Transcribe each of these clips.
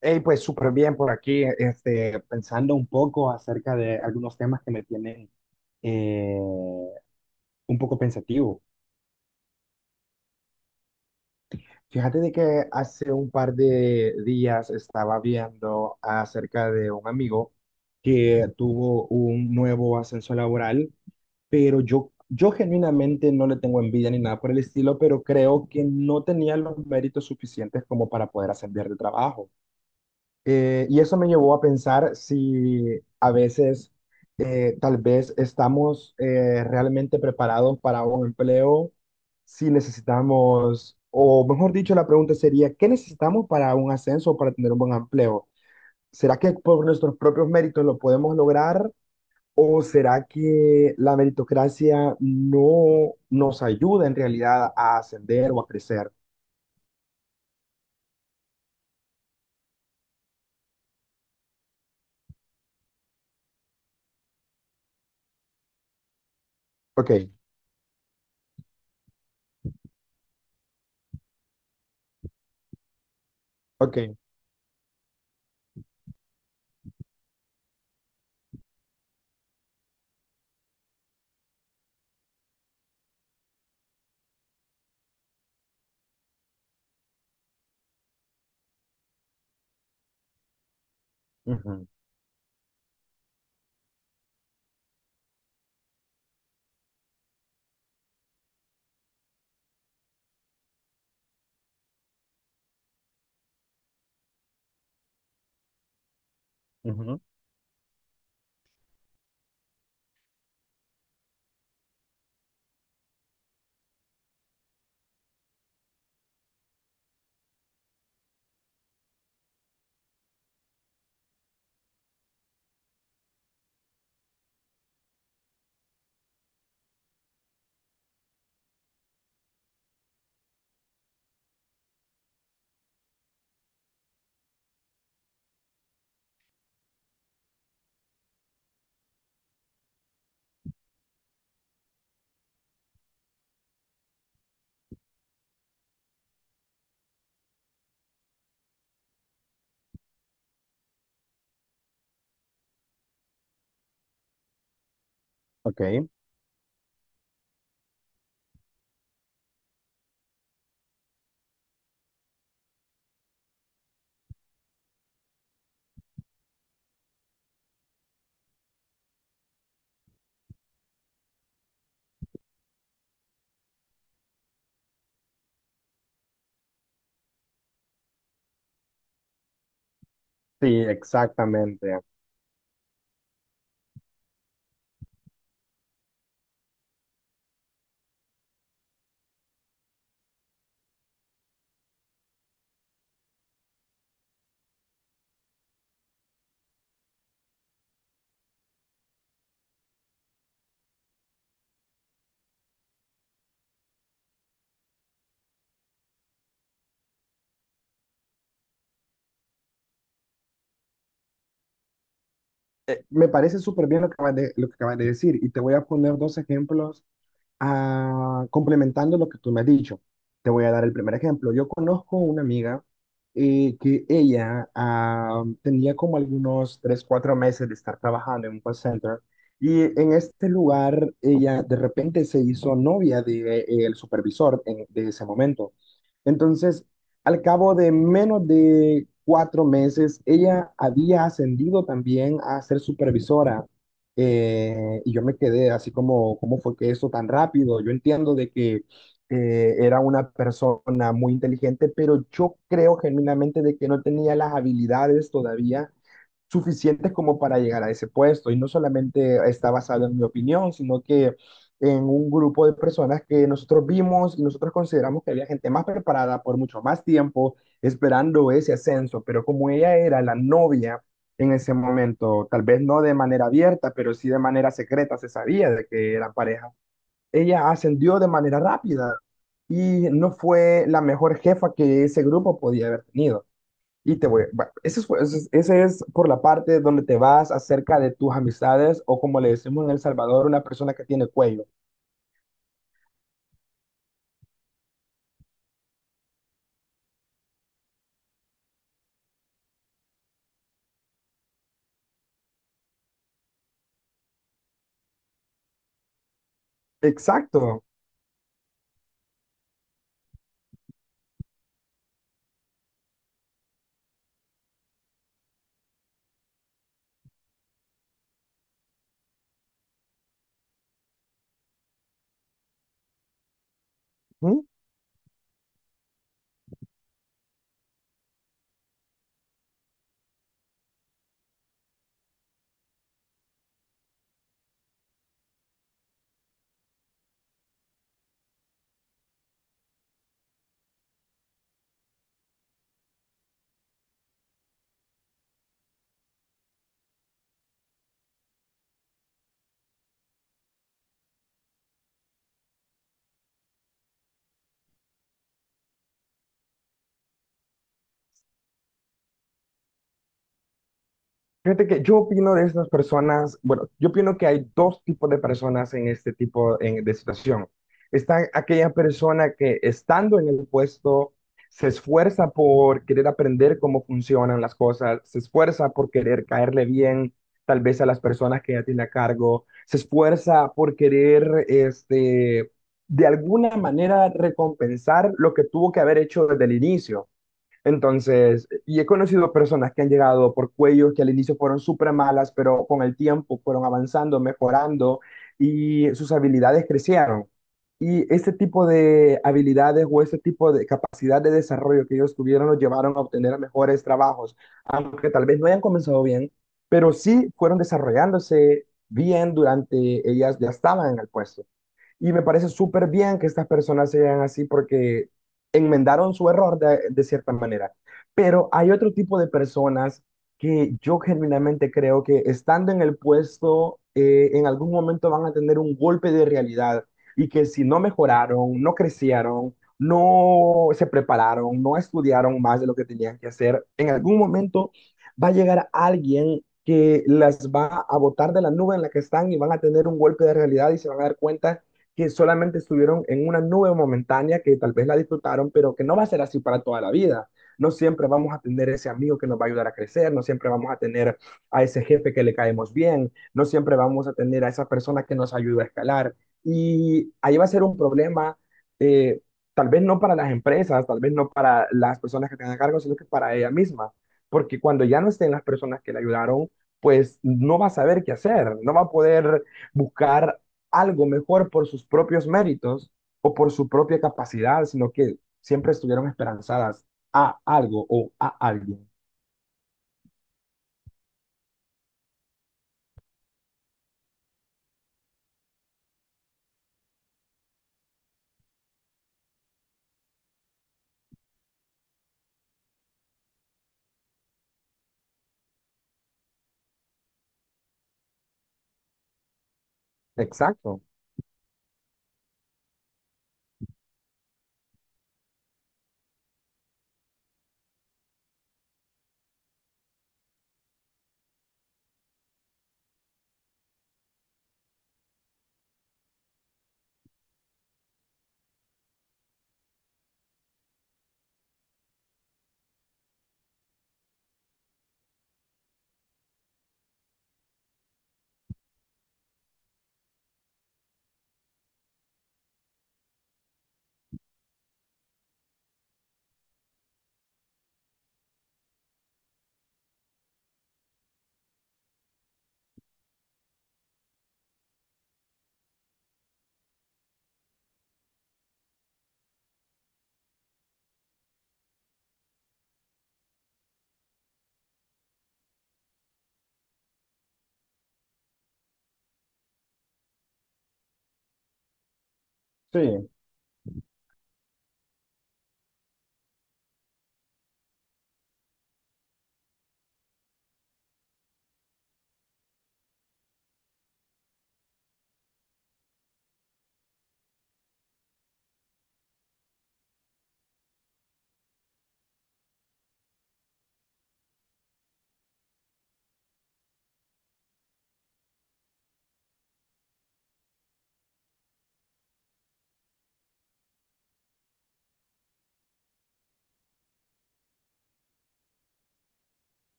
Hey, pues súper bien por aquí, este, pensando un poco acerca de algunos temas que me tienen eh, un poco pensativo. Fíjate de que hace un par de días estaba viendo acerca de un amigo que tuvo un nuevo ascenso laboral, pero yo genuinamente no le tengo envidia ni nada por el estilo, pero creo que no tenía los méritos suficientes como para poder ascender de trabajo. Y eso me llevó a pensar si a veces tal vez estamos realmente preparados para un empleo, si necesitamos, o mejor dicho, la pregunta sería, ¿qué necesitamos para un ascenso o para tener un buen empleo? ¿Será que por nuestros propios méritos lo podemos lograr o será que la meritocracia no nos ayuda en realidad a ascender o a crecer? Ok, ok, ujú, ujú, ok, sí, exactamente. Me parece súper bien lo lo que acabas de decir y te voy a poner dos ejemplos. Ah, complementando lo que tú me has dicho, te voy a dar el primer ejemplo. Yo conozco una amiga que ella tenía como algunos 3, 4 meses de estar trabajando en un call center y en este lugar ella de repente se hizo novia de, el de ese momento. Entonces, al cabo de menos de cuatro meses, ella había ascendido también a ser supervisora, y yo me quedé así como, ¿cómo fue que eso tan rápido? Yo entiendo de que era una persona muy inteligente, pero yo creo genuinamente de que no tenía las habilidades todavía suficientes como para llegar a ese puesto. Y no solamente está basado en mi opinión, sino que en un grupo de personas que nosotros vimos y nosotros consideramos que había gente más preparada por mucho más tiempo esperando ese ascenso, pero como ella era la novia en ese momento, tal vez no de manera abierta, pero sí de manera secreta, se sabía de que era pareja. Ella ascendió de manera rápida y no fue la mejor jefa que ese grupo podía haber tenido. Y ese es por la parte donde te vas acerca de tus amistades o como le decimos en El Salvador, una persona que tiene cuello. Exacto. Fíjate que yo opino de estas personas, bueno, yo opino que hay dos tipos de personas en este de situación. Está aquella persona que estando en el puesto se esfuerza por querer aprender cómo funcionan las cosas, se esfuerza por querer caerle bien tal vez a las personas que ya tiene a cargo, se esfuerza por querer este, de alguna manera recompensar lo que tuvo que haber hecho desde el inicio. Entonces, y he conocido personas que han llegado por cuellos que al inicio fueron súper malas, pero con el tiempo fueron avanzando, mejorando y sus habilidades crecieron. Y ese tipo de habilidades o ese tipo de capacidad de desarrollo que ellos tuvieron los llevaron a obtener mejores trabajos, aunque tal vez no hayan comenzado bien, pero sí fueron desarrollándose bien durante ellas ya estaban en el puesto. Y me parece súper bien que estas personas sean así porque enmendaron su error de cierta manera. Pero hay otro tipo de personas que yo genuinamente creo que estando en el puesto, en algún momento van a tener un golpe de realidad y que si no mejoraron, no crecieron, no se prepararon, no estudiaron más de lo que tenían que hacer, en algún momento va a llegar alguien que las va a botar de la nube en la que están y van a tener un golpe de realidad y se van a dar cuenta que solamente estuvieron en una nube momentánea que tal vez la disfrutaron, pero que no va a ser así para toda la vida. No siempre vamos a tener ese amigo que nos va a ayudar a crecer, no siempre vamos a tener a ese jefe que le caemos bien, no siempre vamos a tener a esa persona que nos ayuda a escalar. Y ahí va a ser un problema, eh, tal vez no para las empresas, tal vez no para las personas que tengan a cargo, sino que para ella misma. Porque cuando ya no estén las personas que le ayudaron, pues no va a saber qué hacer, no va a poder buscar algo mejor por sus propios méritos o por su propia capacidad, sino que siempre estuvieron esperanzadas a algo o a alguien. Exacto. Sí,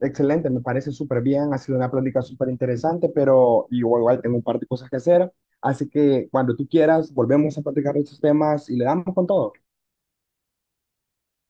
excelente, me parece súper bien, ha sido una plática súper interesante, pero igual, igual tengo un par de cosas que hacer, así que cuando tú quieras, volvemos a platicar de estos temas y le damos con todo.